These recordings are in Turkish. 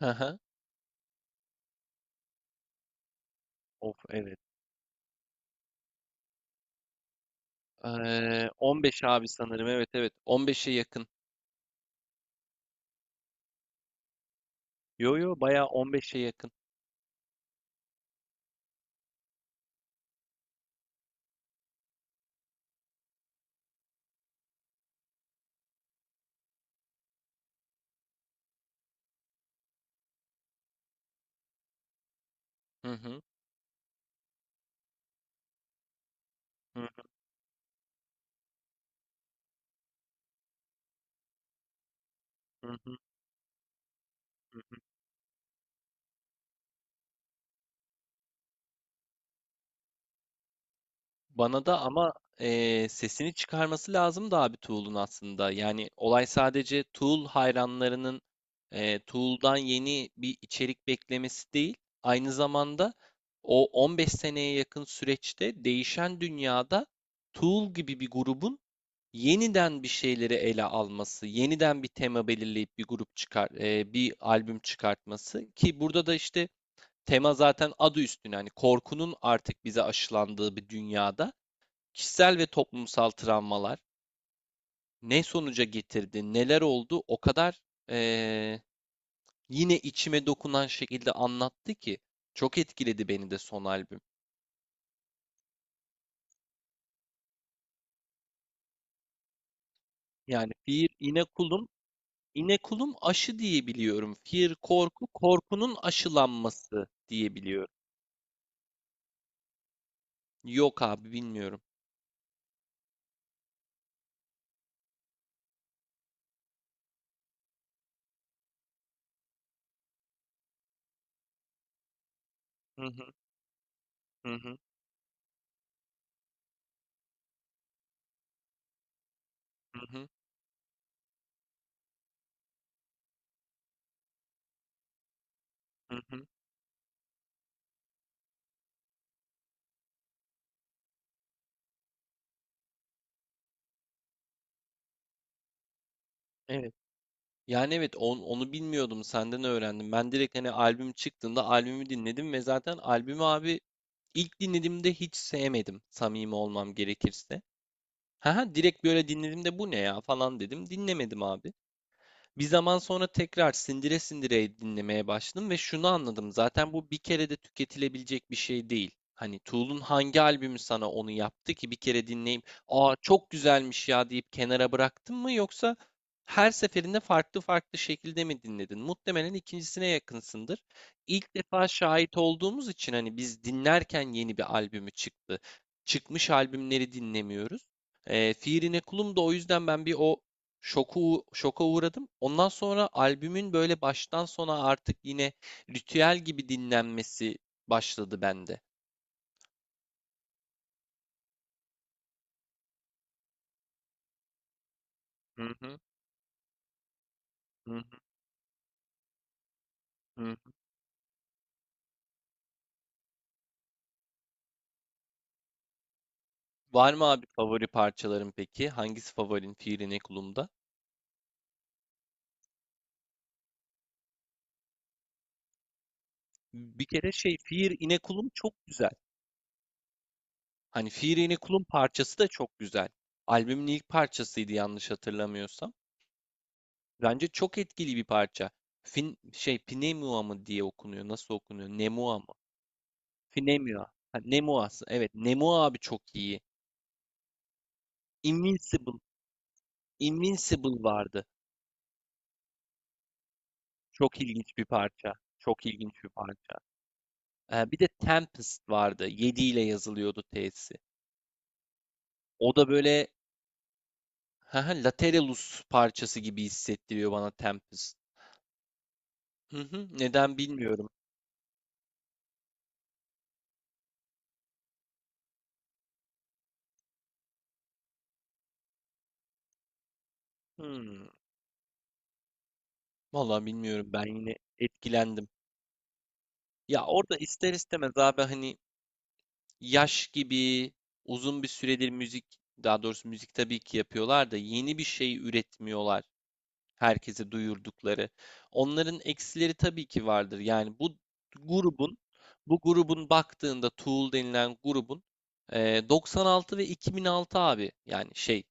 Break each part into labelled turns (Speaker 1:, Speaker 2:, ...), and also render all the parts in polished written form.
Speaker 1: Hı hı. Of evet. 15 abi sanırım. Evet evet. 15'e yakın. Yo yo bayağı 15'e yakın. Hı hı. Hı hı hı hı. Hı hı. Bana da ama sesini çıkarması lazım da abi Tool'un aslında. Yani olay sadece Tool hayranlarının Tool'dan yeni bir içerik beklemesi değil. Aynı zamanda o 15 seneye yakın süreçte değişen dünyada Tool gibi bir grubun yeniden bir şeyleri ele alması, yeniden bir tema belirleyip bir grup çıkar, bir albüm çıkartması ki burada da işte tema zaten adı üstüne hani korkunun artık bize aşılandığı bir dünyada kişisel ve toplumsal travmalar ne sonuca getirdi, neler oldu o kadar e, yine içime dokunan şekilde anlattı ki çok etkiledi beni de son albüm. Yani bir yine kulum İnekulum aşı diye biliyorum. Fear korku, korkunun aşılanması diye biliyorum. Yok abi bilmiyorum. Hı hı hı hı hı hı. Hı hı. Evet. Yani evet, onu bilmiyordum, senden öğrendim. Ben direkt hani albüm çıktığında albümü dinledim ve zaten albümü abi ilk dinlediğimde hiç sevmedim, samimi olmam gerekirse. Ha direkt böyle dinledim de bu ne ya falan dedim. Dinlemedim abi. Bir zaman sonra tekrar sindire sindire dinlemeye başladım ve şunu anladım. Zaten bu bir kere de tüketilebilecek bir şey değil. Hani Tool'un hangi albümü sana onu yaptı ki bir kere dinleyip "Aa çok güzelmiş ya" deyip kenara bıraktın mı, yoksa her seferinde farklı farklı şekilde mi dinledin? Muhtemelen ikincisine yakınsındır. İlk defa şahit olduğumuz için hani biz dinlerken yeni bir albümü çıktı. Çıkmış albümleri dinlemiyoruz. Fiirine Kulum da o yüzden ben bir o şoku, şoka uğradım. Ondan sonra albümün böyle baştan sona artık yine ritüel gibi dinlenmesi başladı bende. Hı hı, hı hı, hı. Var mı abi favori parçaların peki? Hangisi favorin Fiir İnekulum'da? Bir kere şey Fiir İnekulum çok güzel. Hani Fiir İnekulum parçası da çok güzel. Albümün ilk parçasıydı yanlış hatırlamıyorsam. Bence çok etkili bir parça. Fin, şey Pneumua mı diye okunuyor. Nasıl okunuyor? Nemua mı? Nemua. Ha, Nemu aslında. Evet, Nemu abi çok iyi. Invincible. Invincible vardı. Çok ilginç bir parça. Çok ilginç bir parça. Bir de Tempest vardı. 7 ile yazılıyordu T'si. O da böyle haha, Lateralus parçası gibi hissettiriyor bana Tempest. Hı hı, neden bilmiyorum. Hmm, vallahi bilmiyorum. Ben yine etkilendim. Ya orada ister istemez abi hani yaş gibi uzun bir süredir müzik, daha doğrusu müzik tabii ki yapıyorlar da yeni bir şey üretmiyorlar herkese duyurdukları. Onların eksileri tabii ki vardır. Yani grubun, bu grubun baktığında Tool denilen grubun 96 ve 2006 abi yani şey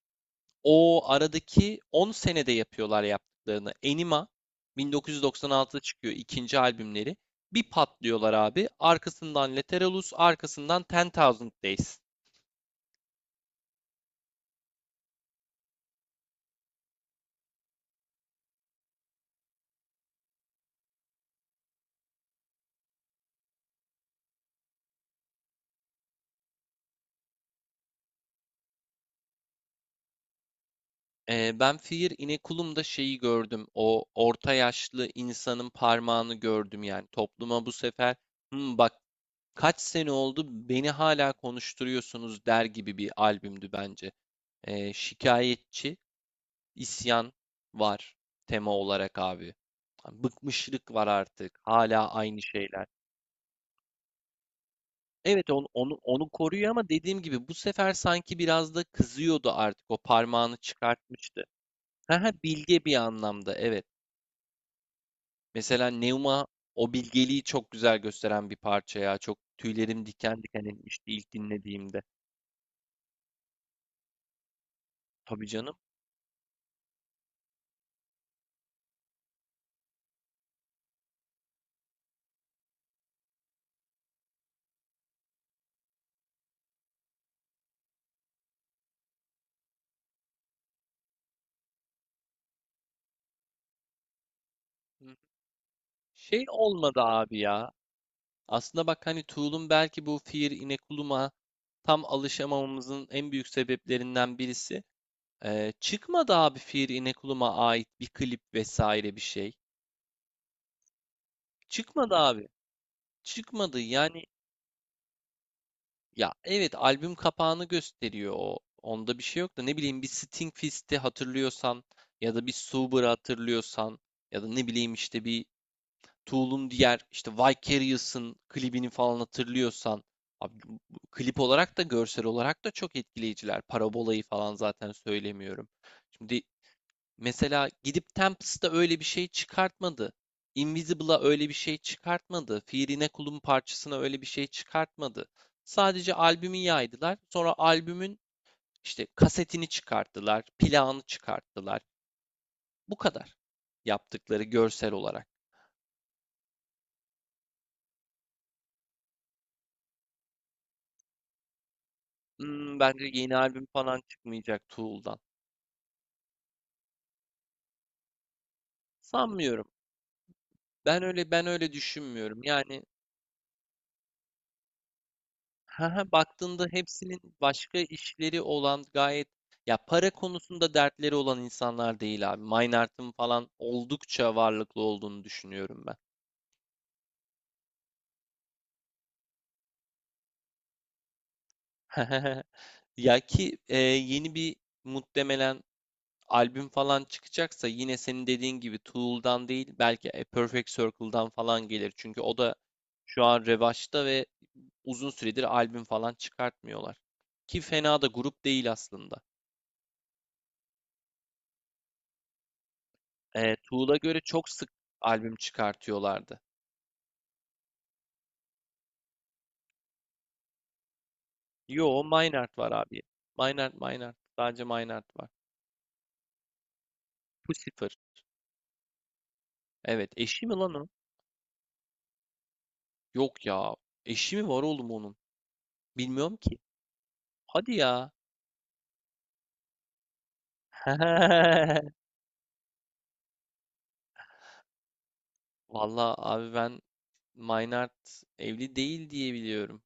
Speaker 1: o aradaki 10 senede yapıyorlar yaptıklarını. Enima 1996'da çıkıyor ikinci albümleri. Bir patlıyorlar abi. Arkasından Lateralus, arkasından Ten Thousand Days. Ben Fear İnekulum'da şeyi gördüm. O orta yaşlı insanın parmağını gördüm yani. Topluma bu sefer "Hmm, bak kaç sene oldu beni hala konuşturuyorsunuz" der gibi bir albümdü bence. Şikayetçi. İsyan var tema olarak abi. Hani bıkmışlık var artık. Hala aynı şeyler. Evet onu koruyor ama dediğim gibi bu sefer sanki biraz da kızıyordu artık. O parmağını çıkartmıştı. Ha ha, bilge bir anlamda evet. Mesela Neuma o bilgeliği çok güzel gösteren bir parça ya. Çok tüylerim diken diken etmişti ilk dinlediğimde. Tabii canım. Hı. Şey olmadı abi ya. Aslında bak hani Tool'un belki bu Fear Inoculum'a tam alışamamamızın en büyük sebeplerinden birisi. Çıkmadı abi Fear Inoculum'a ait bir klip vesaire bir şey. Çıkmadı abi. Çıkmadı yani ya evet albüm kapağını gösteriyor o. Onda bir şey yok da, ne bileyim, bir Sting Fist'i hatırlıyorsan ya da bir Sober'ı hatırlıyorsan ya da ne bileyim işte bir Tool'un diğer işte Vicarious'ın klibini falan hatırlıyorsan abi, klip olarak da görsel olarak da çok etkileyiciler. Parabola'yı falan zaten söylemiyorum. Şimdi mesela gidip Tempest'a öyle bir şey çıkartmadı. Invisible'a öyle bir şey çıkartmadı. Firine Kul'un parçasına öyle bir şey çıkartmadı. Sadece albümü yaydılar. Sonra albümün işte kasetini çıkarttılar, plağını çıkarttılar. Bu kadar yaptıkları görsel olarak. Imm, bence yeni albüm falan çıkmayacak Tool'dan. Sanmıyorum. Ben öyle düşünmüyorum. Yani hı, baktığında hepsinin başka işleri olan, gayet ya, para konusunda dertleri olan insanlar değil abi. Mynard'ın falan oldukça varlıklı olduğunu düşünüyorum ben. Ya ki yeni bir muhtemelen albüm falan çıkacaksa yine senin dediğin gibi Tool'dan değil, belki A Perfect Circle'dan falan gelir. Çünkü o da şu an revaçta ve uzun süredir albüm falan çıkartmıyorlar. Ki fena da grup değil aslında. Tool'a göre çok sık albüm çıkartıyorlardı. Yo, Maynard var abi. Maynard, Maynard. Sadece Maynard var. Pussifer. Evet, eşi mi lan o? Yok ya. Eşi mi var oğlum onun? Bilmiyorum ki. Hadi ya. Valla abi ben Maynard evli değil diye biliyorum.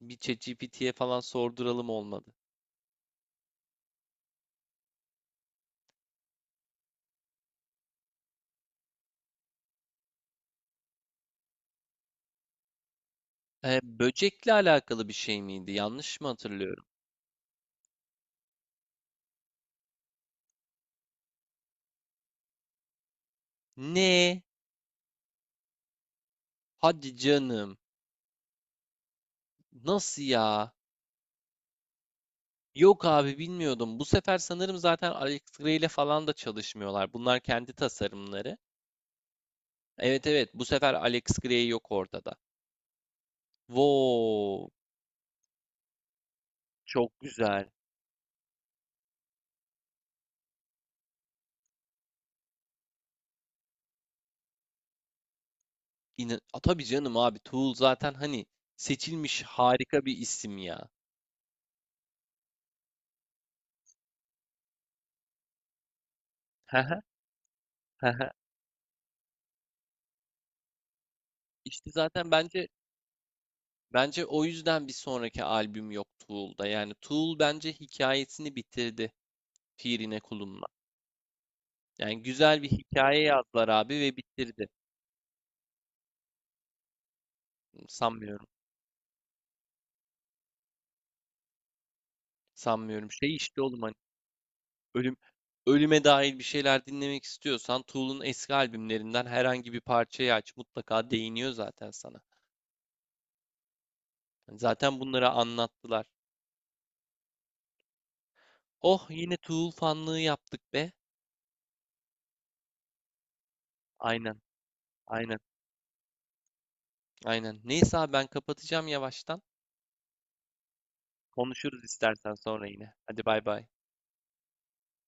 Speaker 1: Bir ChatGPT'ye falan sorduralım olmadı. Böcekle alakalı bir şey miydi? Yanlış mı hatırlıyorum? Ne? Hadi canım. Nasıl ya? Yok abi bilmiyordum. Bu sefer sanırım zaten Alex Gray ile falan da çalışmıyorlar. Bunlar kendi tasarımları. Evet evet, bu sefer Alex Gray yok ortada. Wow, çok güzel. İnan A, tabii canım abi Tool zaten hani seçilmiş harika bir isim ya. Hehe, hehe. İşte zaten bence o yüzden bir sonraki albüm yok Tool'da. Yani Tool bence hikayesini bitirdi Firine Kulum'la. Yani güzel bir hikaye yazdılar abi ve bitirdi. Sanmıyorum. Sanmıyorum. Şey işte oğlum hani ölüm ölüme dair bir şeyler dinlemek istiyorsan Tool'un eski albümlerinden herhangi bir parçayı aç. Mutlaka değiniyor zaten sana. Yani zaten bunları anlattılar. Oh yine Tool fanlığı yaptık be. Aynen. Aynen. Aynen. Neyse abi ben kapatacağım yavaştan. Konuşuruz istersen sonra yine. Hadi bay bay.